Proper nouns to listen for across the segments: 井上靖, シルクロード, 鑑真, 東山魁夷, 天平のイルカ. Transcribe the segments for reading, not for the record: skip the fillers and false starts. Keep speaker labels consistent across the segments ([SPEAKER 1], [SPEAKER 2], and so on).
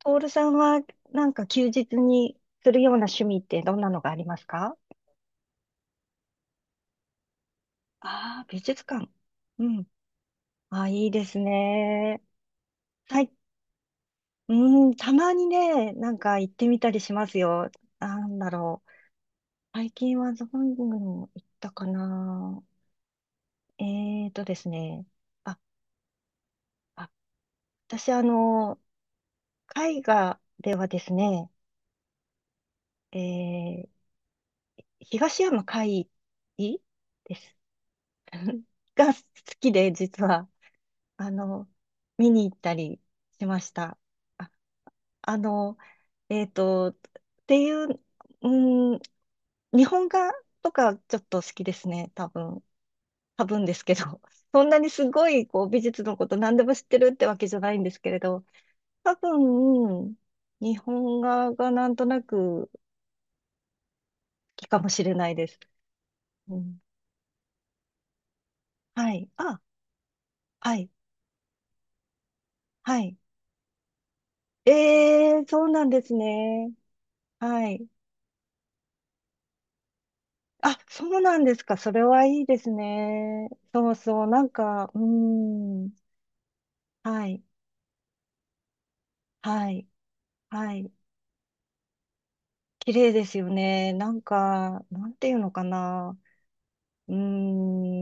[SPEAKER 1] トールさんは休日にするような趣味ってどんなのがありますか？ああー、美術館。うん。ああ、いいですね。はい。うん、たまにね、行ってみたりしますよ。なんだろう。最近はどングにも行ったかな。えーとですね。あ、あ、私絵画ではですね、えー、東山魁夷です。が好きで、実は。あの、見に行ったりしました。あ、あの、えっと、っていう、うん、日本画とかちょっと好きですね、多分。多分ですけど、そんなにすごいこう美術のこと何でも知ってるってわけじゃないんですけれど、多分、日本画がなんとなく好きかもしれないです。うん、はい。あ、はい。はい。ええ、そうなんですね。はい。あ、そうなんですか。それはいいですね。そうそう。はい。はい。はい。綺麗ですよね。なんか、なんていうのかな。うー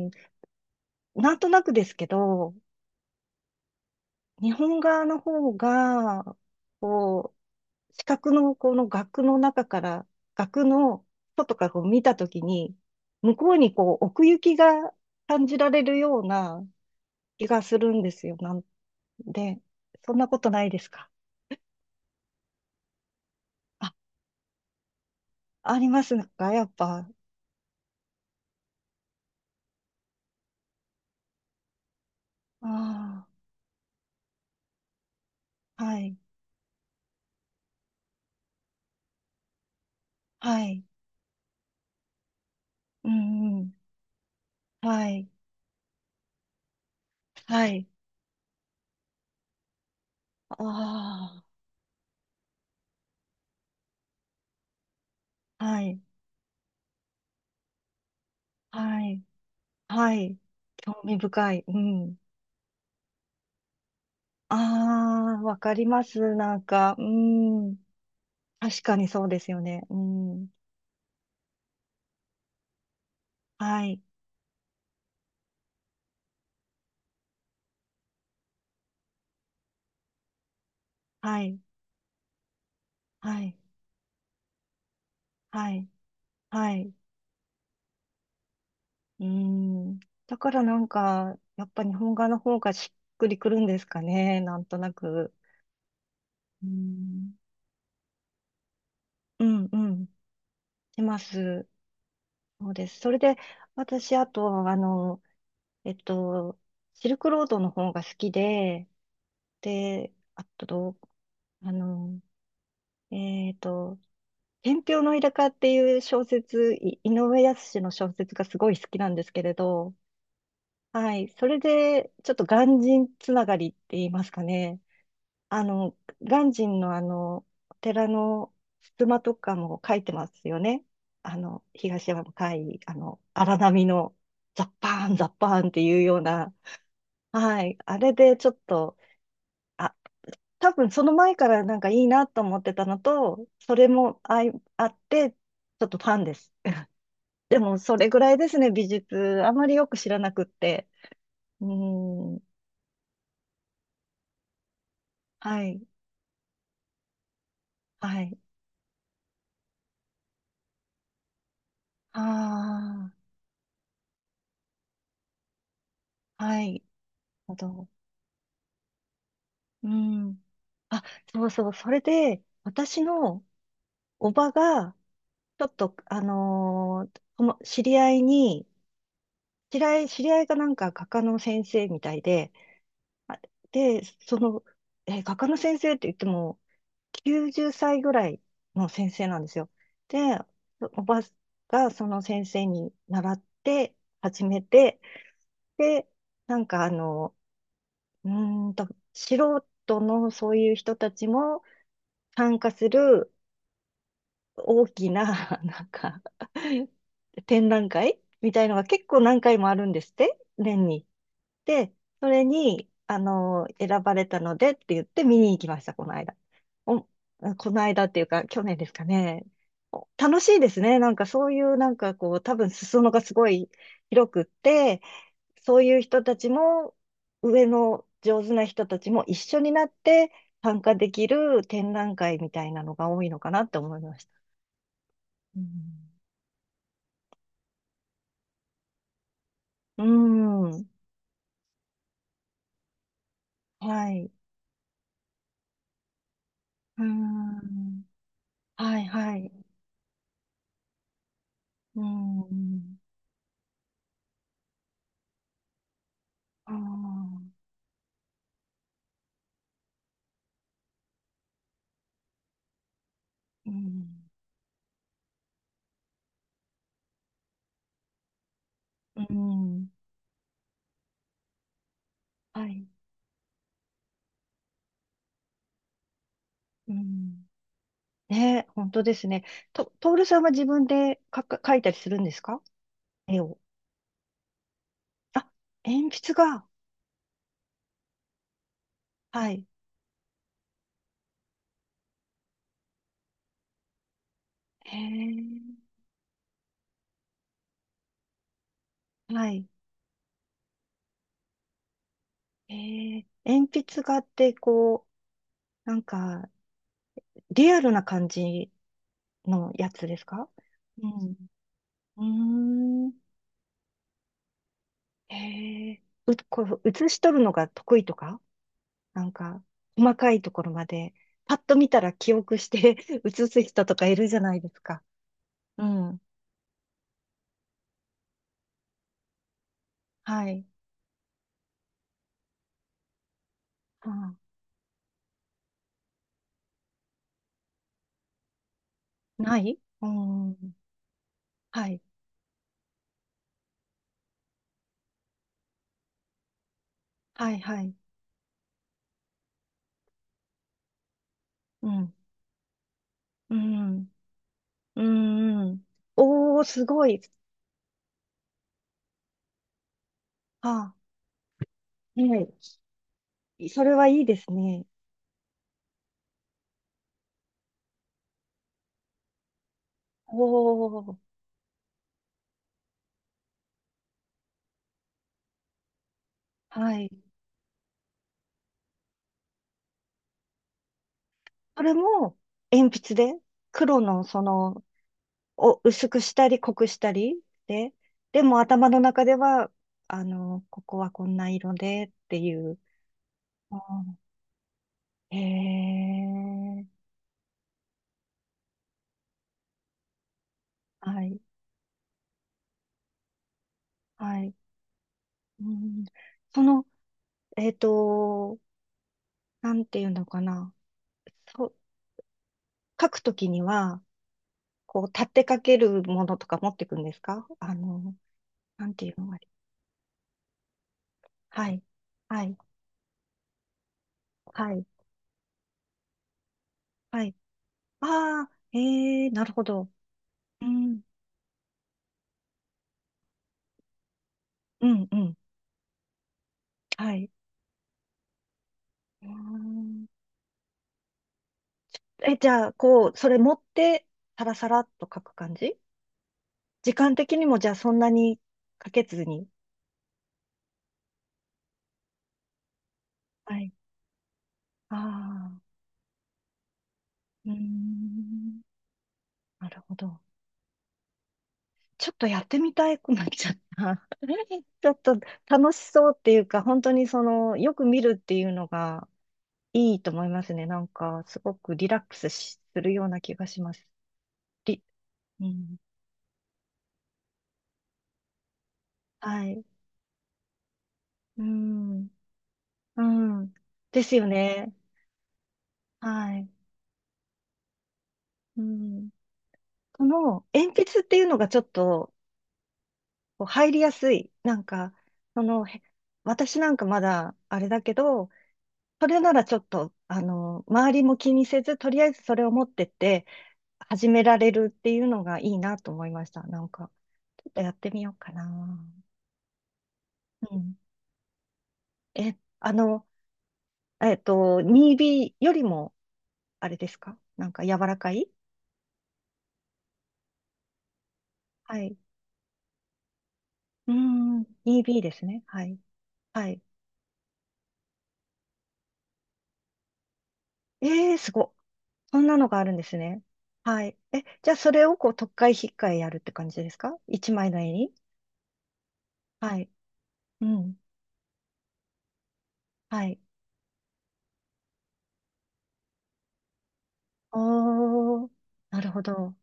[SPEAKER 1] ん。なんとなくですけど、日本側の方が、こう、四角のこの額の中から、額の外からこう見たときに、向こうにこう奥行きが感じられるような気がするんですよ。なんで、そんなことないですか？あ、ありますか、やっぱ。ああ、はい、はい、うんうん、はい、はい、ああ、はい、はい、はい、興味深い、うん。ああ、わかります、なんか、うん、確かにそうですよね、うん、はい、はい、はい、はい、はい、うん。だからなんか、やっぱ日本画の方がしっくりくるんですかね、なんとなく。うん、うん、うん。てます。そうです。それで、私、あと、えっと、シルクロードの方が好きで、で、あと、あの、えっと、天平のイルカっていう小説、い井上靖の小説がすごい好きなんですけれど、はい、それで、ちょっと鑑真つながりって言いますかね。あの、鑑真のあの、お寺の襖とかも書いてますよね。あの、東山向、あの、荒波のザッパーン、ザッパーンっていうような、はい、あれでちょっと、あ、多分その前からなんかいいなと思ってたのと、それもあい、あって、ちょっとファンです。でも、それぐらいですね、美術。あまりよく知らなくって。うーん、はい、はい。ああ、はい。なるほど。うん。あ、そうそう。それで、私のおばが、ちょっと、あのーとも知り合いに、知り合い、知り合いがなんか画家の先生みたいで、あ、で、その、画家の先生って言っても、90歳ぐらいの先生なんですよ。で、おばがその先生に習って、始めて、で、なんかあの、うーんと、素人のそういう人たちも参加する、大きな、なんか、展覧会みたいのが結構何回もあるんですって、年に。で、それに、あの、選ばれたのでって言って見に行きました、この間。お、この間っていうか、去年ですかね。お楽しいですね。なんかそういう、なんかこう、多分裾野がすごい広くって、そういう人たちも、上の上手な人たちも一緒になって参加できる展覧会みたいなのが多いのかなって思いました。うん。うーん。はい。うーん。はい、はい。うーん。ああ、うん。うーん。はい。うん。ね、本当ですね。と、トールさんは自分でかか、描いたりするんですか？絵を。あ、鉛筆が。はい。へえ。はい。へえ。鉛筆画って、こう、なんか、リアルな感じのやつですか？うん。うーん。へえ、う、こう、写し取るのが得意とか、なんか、細かいところまで、パッと見たら記憶して 写す人とかいるじゃないですか。うん。はい。はあ、ないうん。はい。はい、はい。うん。うん。うん。うん。おー、すごい。はあ、はい。それはいいですね。おー、はい。それも、鉛筆で、黒のその、を薄くしたり濃くしたりで、でも頭の中では、あの、ここはこんな色でっていう。あーへえ、はい、はい。うん、その、えっと、なんていうのかな。そう、書くときには、こう、立てかけるものとか持ってくんですか、あの、なんていうのがあり。はい、はい、はい、はい。ああ、ええ、なるほど。うん、うん、うん。はい。うーん。え、じゃあ、こう、それ持って、サラサラっと書く感じ？時間的にも、じゃあ、そんなにかけずに。はい。ああ、うーん。なるほど。ちょっとやってみたくなっちゃった。ちょっと楽しそうっていうか、本当にその、よく見るっていうのがいいと思いますね。なんか、すごくリラックスしするような気がします。り、うん。はい。うん。うん。ですよね。はい。うん。その鉛筆っていうのがちょっとこう入りやすい。なんか、その、へ、私なんかまだあれだけど、それならちょっと、あの、周りも気にせず、とりあえずそれを持ってって始められるっていうのがいいなと思いました。なんか、ちょっとやってみようかな。うん。え、にビーよりも、あれですかなんか柔らかい。はい。うーん、2ですね。はい。はい。えー、すごっ。そんなのがあるんですね。はい。え、じゃあそれをこう、とっかえひっかえやるって感じですか？一枚の絵に。はい。うん。はい。おー。なるほど。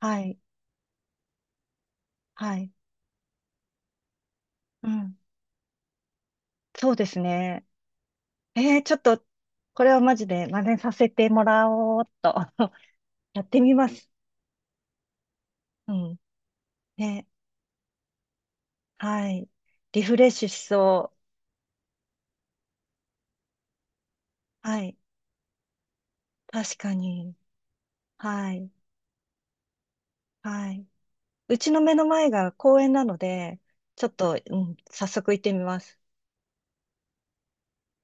[SPEAKER 1] はい。はい。うん。そうですね。えー、ちょっと、これはマジで真似させてもらおうっと。やってみます。うん。ね。はい。リフレッシュしそう。はい。確かに。はい。はい。うちの目の前が公園なので、ちょっと、うん、早速行ってみます。